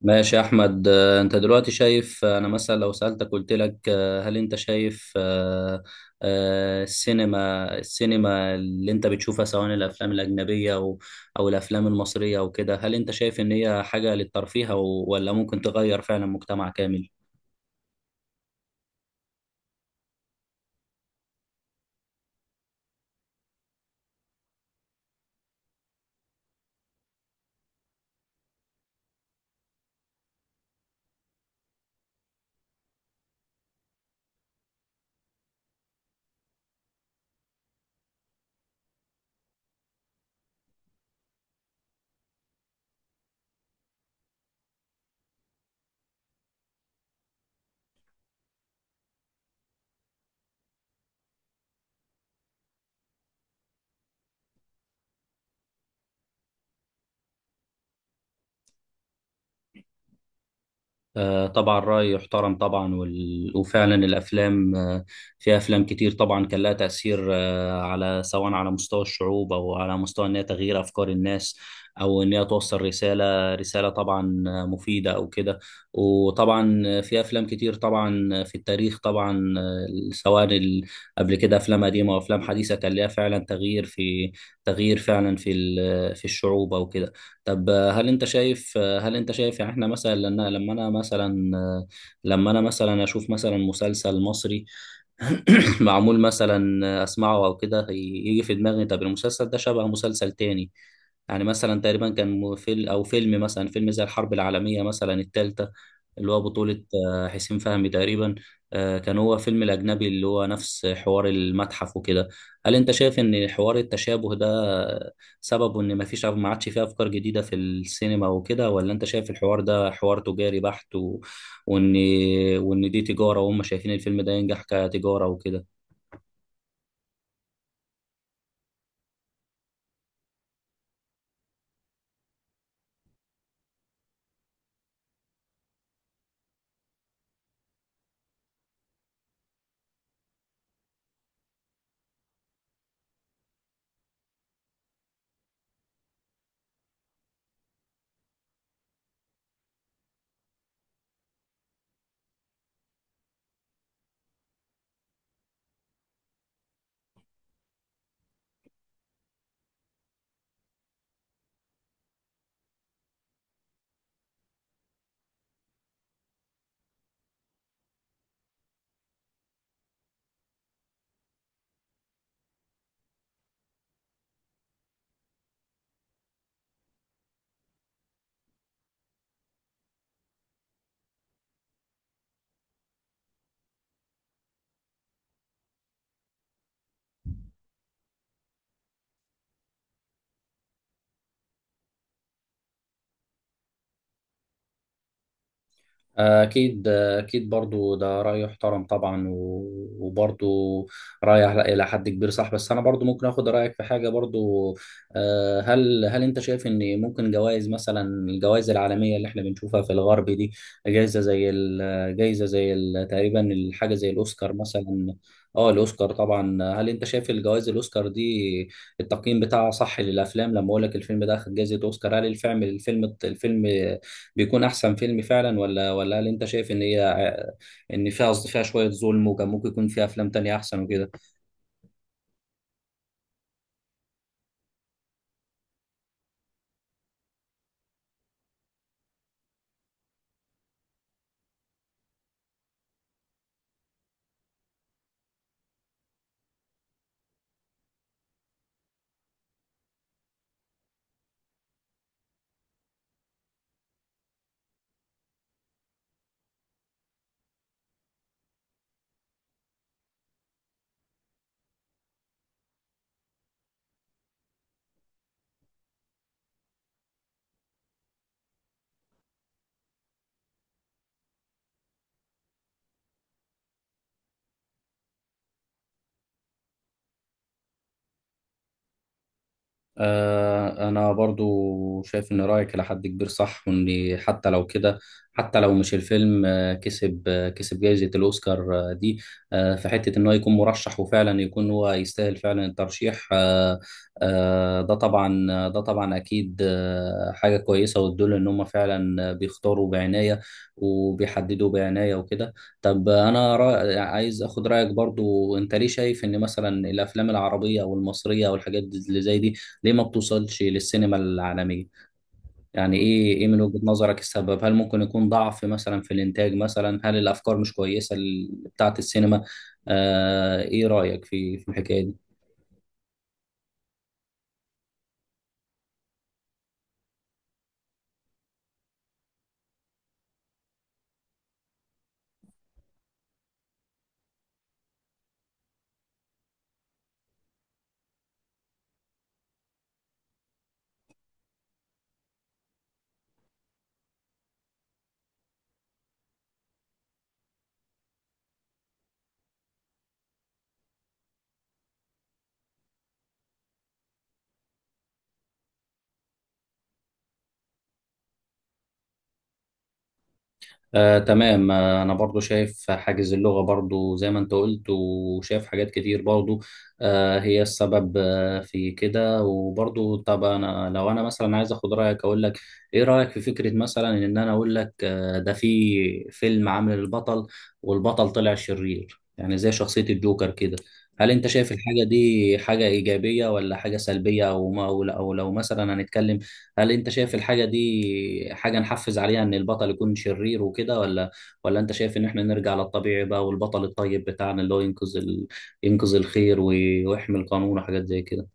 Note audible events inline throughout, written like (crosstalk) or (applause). ماشي يا احمد، انت دلوقتي شايف. انا مثلا لو سالتك قلت لك، هل انت شايف؟ السينما اللي انت بتشوفها، سواء الافلام الاجنبيه او الافلام المصريه وكده، هل انت شايف ان هي حاجه للترفيه ولا ممكن تغير فعلا مجتمع كامل؟ طبعا رأي يحترم طبعا، وفعلا الأفلام، في أفلام كتير طبعا كان لها تأثير، على سواء على مستوى الشعوب أو على مستوى إن هي تغيير أفكار الناس، أو إن هي توصل رسالة طبعا مفيدة أو كده. وطبعا في أفلام كتير طبعا في التاريخ طبعا، سواء ال... قبل كده أفلام قديمة وأفلام حديثة كان لها فعلا تغيير فعلا في الشعوب أو كده. طب، هل انت شايف يعني احنا مثلا لما انا مثلا اشوف مثلا مسلسل مصري (clears throat) معمول مثلا، اسمعه او كده، يجي في دماغي طب المسلسل ده شبه مسلسل تاني. يعني مثلا تقريبا كان فيلم زي الحرب العالمية مثلا التالتة، اللي هو بطولة حسين فهمي تقريبا، كان هو فيلم الأجنبي اللي هو نفس حوار المتحف وكده. هل أنت شايف إن حوار التشابه ده، سببه إن مفيش، ما عادش فيه أفكار جديدة في السينما وكده، ولا أنت شايف الحوار ده حوار تجاري بحت وإن، وإن دي تجارة وهم شايفين الفيلم ده ينجح كتجارة وكده؟ أكيد أكيد، برضو ده رأي يحترم طبعا، وبرضو رأي إلى حد كبير صح، بس أنا برضو ممكن أخد رأيك في حاجة برضو. هل أنت شايف إن ممكن جوائز مثلا، الجوائز العالمية اللي إحنا بنشوفها في الغرب دي، تقريبا الحاجة زي الأوسكار مثلا؟ اه، الأوسكار طبعا. هل أنت شايف الجوائز الأوسكار دي التقييم بتاعها صح للأفلام؟ لما أقول لك الفيلم ده أخد جائزة أوسكار، هل الفيلم بيكون احسن فيلم فعلا، ولا هل انت شايف ان فيها شوية ظلم، وكان ممكن يكون فيها افلام تانية احسن وكده؟ أنا برضو شايف إن رأيك إلى حد كبير صح، وإن حتى لو كده، حتى لو مش الفيلم كسب جائزة الأوسكار دي، في حتة إن هو يكون مرشح وفعلا يكون هو يستاهل فعلا الترشيح. ده طبعا أكيد حاجة كويسة، وتدل إن هم فعلا بيختاروا بعناية وبيحددوا بعناية وكده. طب، أنا رأي عايز أخد رأيك برضو. أنت ليه شايف إن مثلا الأفلام العربية أو المصرية أو الحاجات اللي زي دي ليه ما بتوصلش للسينما العالمية؟ يعني ايه من وجهة نظرك السبب؟ هل ممكن يكون ضعف مثلا في الانتاج مثلا؟ هل الافكار مش كويسة، بتاعة السينما؟ آه، ايه رأيك في الحكاية دي؟ تمام. انا برضو شايف حاجز اللغة برضو زي ما انت قلت، وشايف حاجات كتير برضو هي السبب في كده. وبرضو طب، لو انا مثلا عايز اخد رأيك اقول لك، ايه رأيك في فكرة، مثلا ان انا اقول لك ده في فيلم عامل البطل، والبطل طلع شرير يعني زي شخصية الجوكر كده، هل انت شايف الحاجة دي حاجة ايجابية ولا حاجة سلبية؟ او ما او لو مثلا هنتكلم هل انت شايف الحاجة دي حاجة نحفز عليها ان البطل يكون شرير وكده، ولا انت شايف ان احنا نرجع للطبيعي بقى، والبطل الطيب بتاعنا اللي هو ينقذ ينقذ الخير ويحمي القانون وحاجات زي كده؟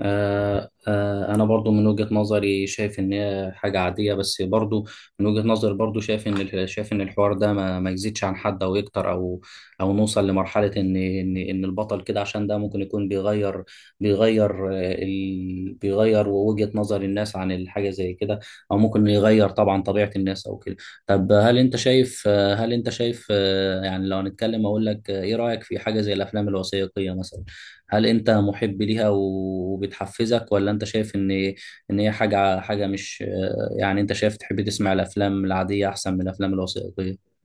انا برضو من وجهة نظري شايف ان هي حاجة عادية، بس برضو من وجهة نظري برضو شايف ان شايف ان الحوار ده ما يزيدش عن حد او يكتر، او او نوصل لمرحلة ان البطل كده، عشان ده ممكن يكون بيغير وجهة نظر الناس عن الحاجة زي كده، او ممكن يغير طبعا طبيعة الناس او كده. طب، هل انت شايف آه، هل انت شايف آه، يعني لو هنتكلم اقول لك، ايه رأيك في حاجة زي الافلام الوثائقية مثلا؟ هل انت محب ليها وبتحفزك، ولا انت شايف ان ان هي حاجه حاجه مش يعني انت شايف تحب تسمع الافلام العاديه احسن من الافلام الوثائقيه؟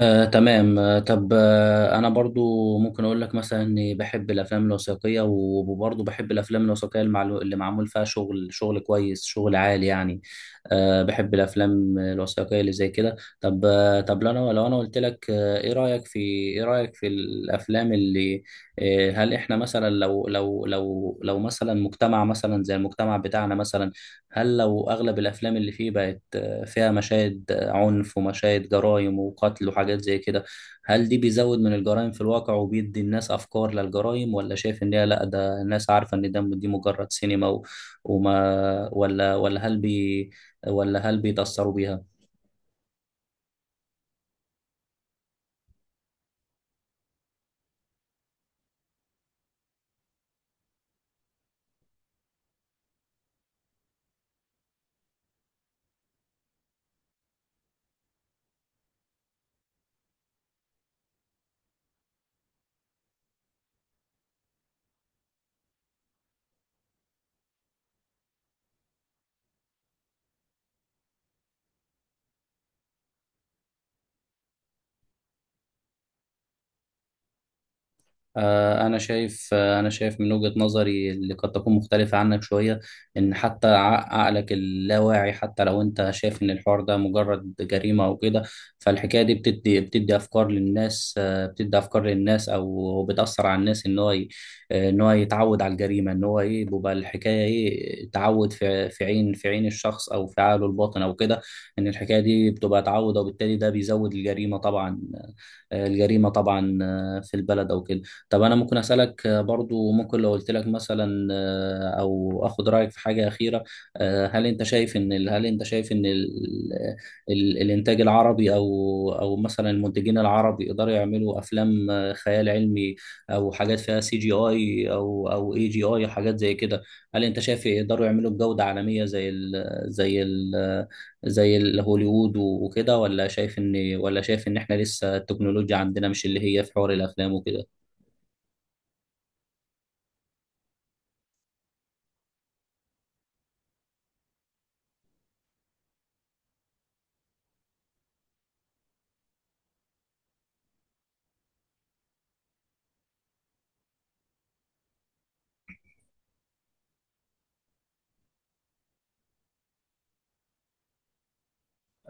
تمام. طب، انا برضو ممكن اقول لك مثلا اني بحب الافلام الوثائقيه، وبرضو بحب الافلام الوثائقيه اللي معمول فيها شغل، شغل كويس، شغل عالي يعني. أه، بحب الافلام الوثائقيه اللي زي كده. طب طب لو انا قلت لك، ايه رايك في الافلام اللي آه، هل احنا مثلا لو مثلا مجتمع مثلا زي المجتمع بتاعنا مثلا، هل لو اغلب الافلام اللي فيه بقت فيها مشاهد عنف ومشاهد جرائم وقتل وحاجات زي كده، هل دي بيزود من الجرائم في الواقع وبيدي الناس أفكار للجرائم، ولا شايف إن هي لأ، ده الناس عارفة إن ده دي مجرد سينما، و- وما ولا ولا هل بي ولا هل بيتأثروا بيها؟ أنا شايف من وجهة نظري اللي قد تكون مختلفة عنك شوية، إن حتى عقلك اللاواعي، حتى لو أنت شايف إن الحوار ده مجرد جريمة أو كده، فالحكاية دي بتدي أفكار للناس أو بتأثر على الناس، إن هو يتعود على الجريمة. إن هو إيه، بيبقى الحكاية إيه، تعود في عين الشخص أو في عقله الباطن أو كده. إن الحكاية دي بتبقى تعود، وبالتالي ده بيزود الجريمة طبعا، في البلد أو كده. طب، انا ممكن اسالك برضو. ممكن لو قلت لك مثلا او اخد رايك في حاجه اخيره، هل انت شايف ان ال ال الانتاج العربي، او مثلا المنتجين العرب، يقدروا يعملوا افلام خيال علمي، او حاجات فيها سي جي اي او اي جي اي، حاجات زي كده؟ هل انت شايف يقدروا يعملوا بجوده عالميه زي هوليوود وكده، ولا شايف ان احنا لسه التكنولوجيا عندنا مش اللي هي في حوار الافلام وكده؟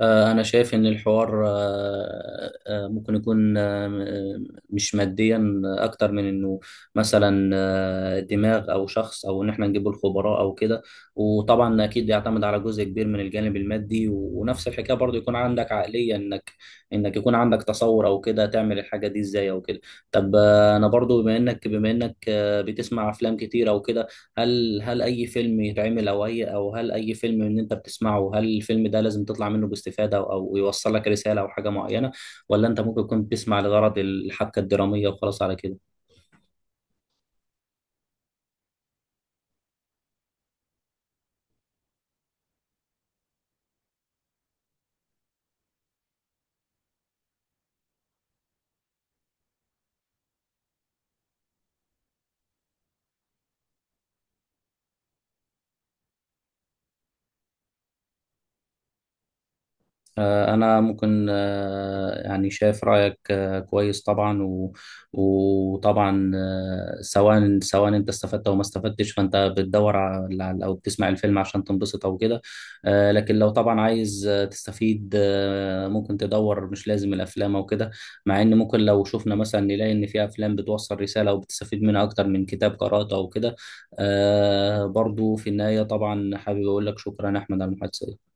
أنا شايف إن الحوار، ممكن يكون مش ماديا أكتر من إنه مثلا دماغ أو شخص، أو إن إحنا نجيب الخبراء أو كده. وطبعا أكيد يعتمد على جزء كبير من الجانب المادي، ونفس الحكاية برضو يكون عندك عقلية إنك يكون عندك تصور أو كده تعمل الحاجة دي إزاي أو كده. طب أنا برضو بما إنك بتسمع أفلام كتير أو كده، هل اي فيلم يتعمل او اي او هل اي فيلم ان انت بتسمعه، هل الفيلم ده لازم تطلع منه باستفادة، او يوصل لك رسالة او حاجة معينة، ولا انت ممكن تكون بتسمع لغرض الحبكة الدرامية وخلاص على كده؟ أنا ممكن يعني شايف رأيك كويس طبعا، وطبعا سواء أنت استفدت أو ما استفدتش، فأنت بتدور على أو بتسمع الفيلم عشان تنبسط أو كده. لكن لو طبعا عايز تستفيد، ممكن تدور، مش لازم الأفلام أو كده، مع إن ممكن لو شفنا مثلا نلاقي إن في أفلام بتوصل رسالة وبتستفيد منها أكتر من كتاب قرأته أو كده. برضو في النهاية طبعا حابب أقول لك شكرا أحمد على المحادثة.